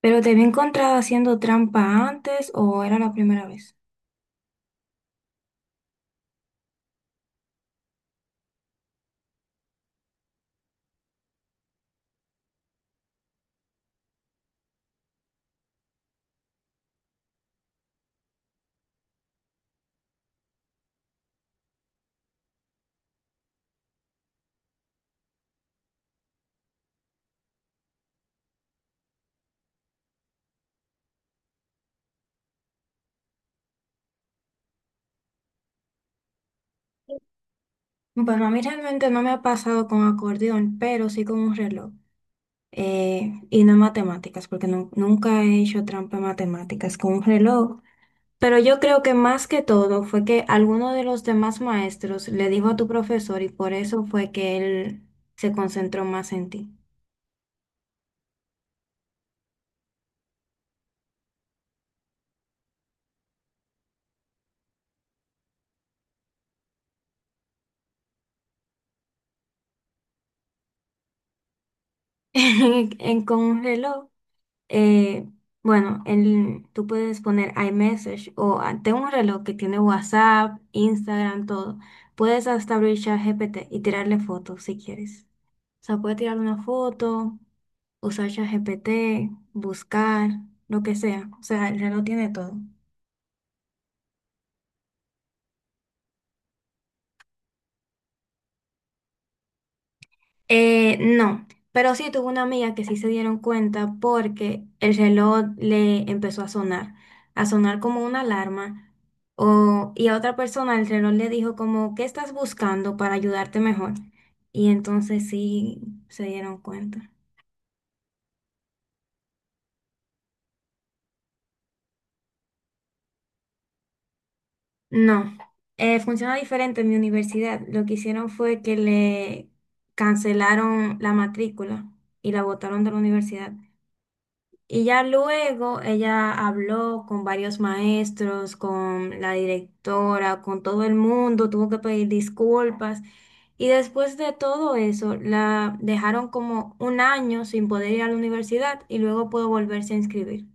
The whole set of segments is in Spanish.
¿Pero te había encontrado haciendo trampa antes o era la primera vez? Bueno, a mí realmente no me ha pasado con acordeón, pero sí con un reloj. Y no en matemáticas, porque nunca he hecho trampa en matemáticas con un reloj. Pero yo creo que más que todo fue que alguno de los demás maestros le dijo a tu profesor y por eso fue que él se concentró más en ti. Con un reloj. eh, bueno, tú puedes poner iMessage o tengo un reloj que tiene WhatsApp, Instagram, todo. Puedes hasta abrir ChatGPT y tirarle fotos si quieres. O sea, puedes tirar una foto, usar ChatGPT, buscar, lo que sea. O sea, el reloj tiene todo. No, pero sí tuve una amiga que sí se dieron cuenta porque el reloj le empezó a sonar como una alarma, y a otra persona el reloj le dijo como, ¿qué estás buscando para ayudarte mejor? Y entonces sí se dieron cuenta. No, funciona diferente en mi universidad. Lo que hicieron fue que le cancelaron la matrícula y la botaron de la universidad. Y ya luego ella habló con varios maestros, con la directora, con todo el mundo, tuvo que pedir disculpas. Y después de todo eso, la dejaron como un año sin poder ir a la universidad y luego pudo volverse a inscribir.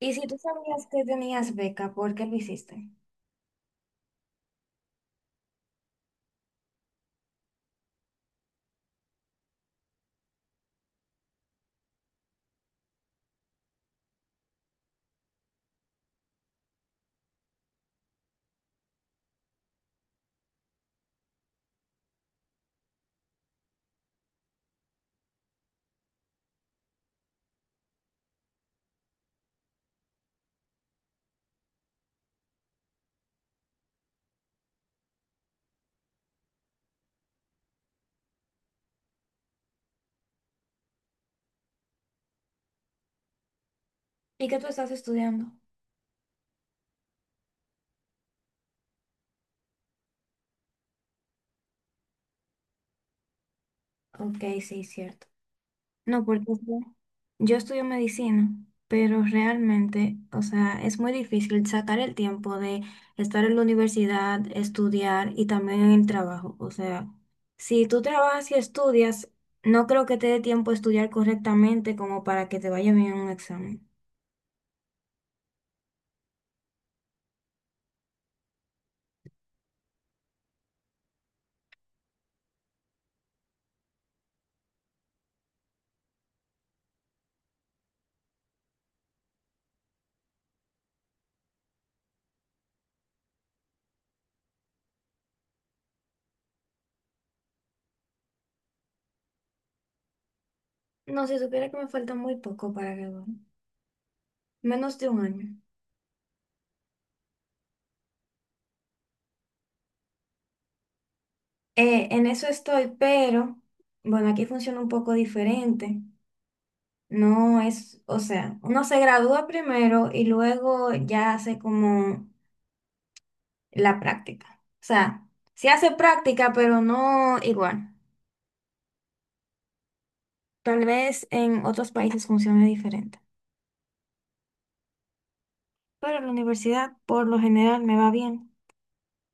Y si tú sabías que tenías beca, ¿por qué lo hiciste? ¿Y qué tú estás estudiando? Ok, sí, cierto. No, porque o sea, yo estudio medicina, pero realmente, o sea, es muy difícil sacar el tiempo de estar en la universidad, estudiar y también en el trabajo. O sea, si tú trabajas y estudias, no creo que te dé tiempo a estudiar correctamente como para que te vaya bien en un examen. No, si supiera que me falta muy poco para graduar, menos de un año. En eso estoy, pero bueno, aquí funciona un poco diferente. No, es, o sea, uno se gradúa primero y luego ya hace como la práctica. O sea, se hace práctica, pero no igual. Tal vez en otros países funcione diferente. Pero en la universidad, por lo general, me va bien.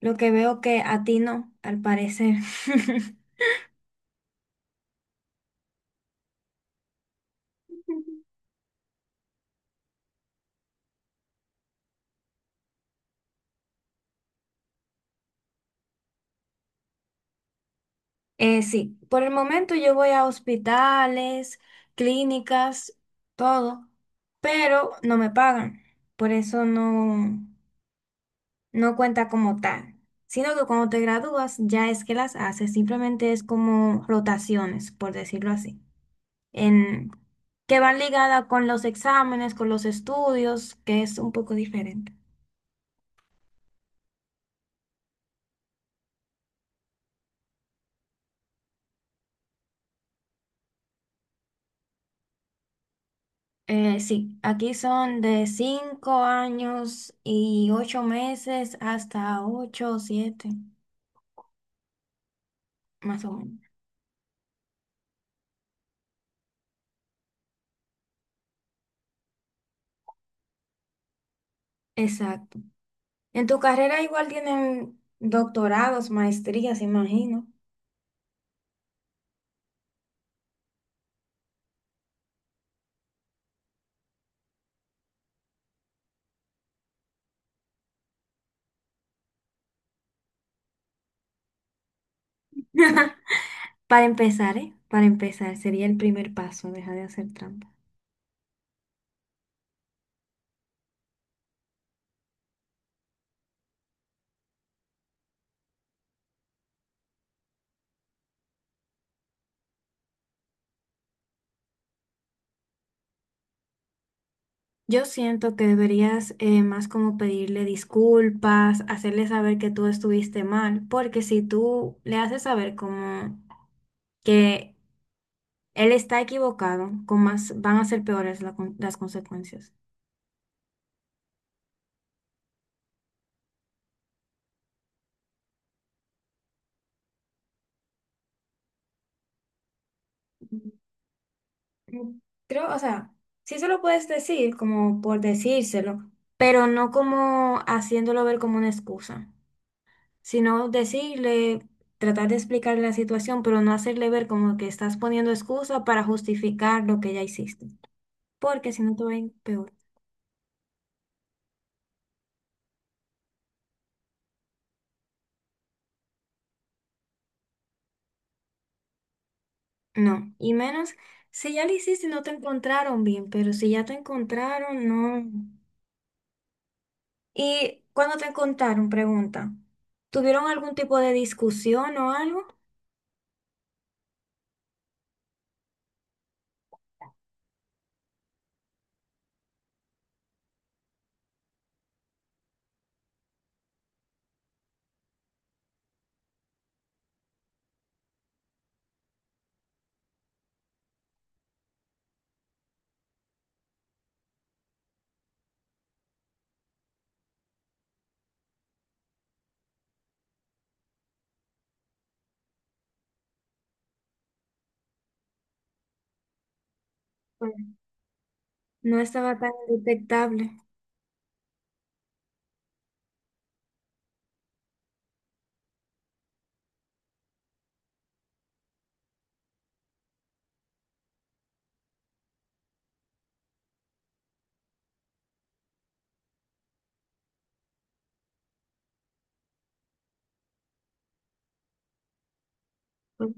Lo que veo que a ti no, al parecer. Sí, por el momento yo voy a hospitales, clínicas, todo, pero no me pagan. Por eso no. No cuenta como tal, sino que cuando te gradúas ya es que las haces, simplemente es como rotaciones, por decirlo así, en, que van ligadas con los exámenes, con los estudios, que es un poco diferente. Sí, aquí son de 5 años y ocho meses hasta 8, o 7, más o menos. Exacto. En tu carrera igual tienen doctorados, maestrías, imagino. Para empezar, ¿eh? Para empezar, sería el primer paso, deja de hacer trampa. Yo siento que deberías más como pedirle disculpas, hacerle saber que tú estuviste mal, porque si tú le haces saber como que él está equivocado, con más van a ser peores la las consecuencias. Mm, creo, o sea, sí se lo puedes decir como por decírselo, pero no como haciéndolo ver como una excusa. Sino decirle, tratar de explicarle la situación, pero no hacerle ver como que estás poniendo excusa para justificar lo que ya hiciste, porque si no te va a ir peor. No, y menos si ya lo hiciste y no te encontraron bien, pero si ya te encontraron, no. Y cuando te encontraron, pregunta, ¿tuvieron algún tipo de discusión o algo? Pues, no estaba tan detectable. Pues,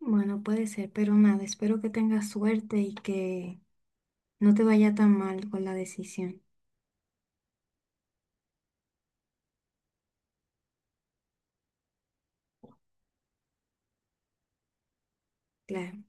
bueno, puede ser, pero nada, espero que tengas suerte y que no te vaya tan mal con la decisión. Claro.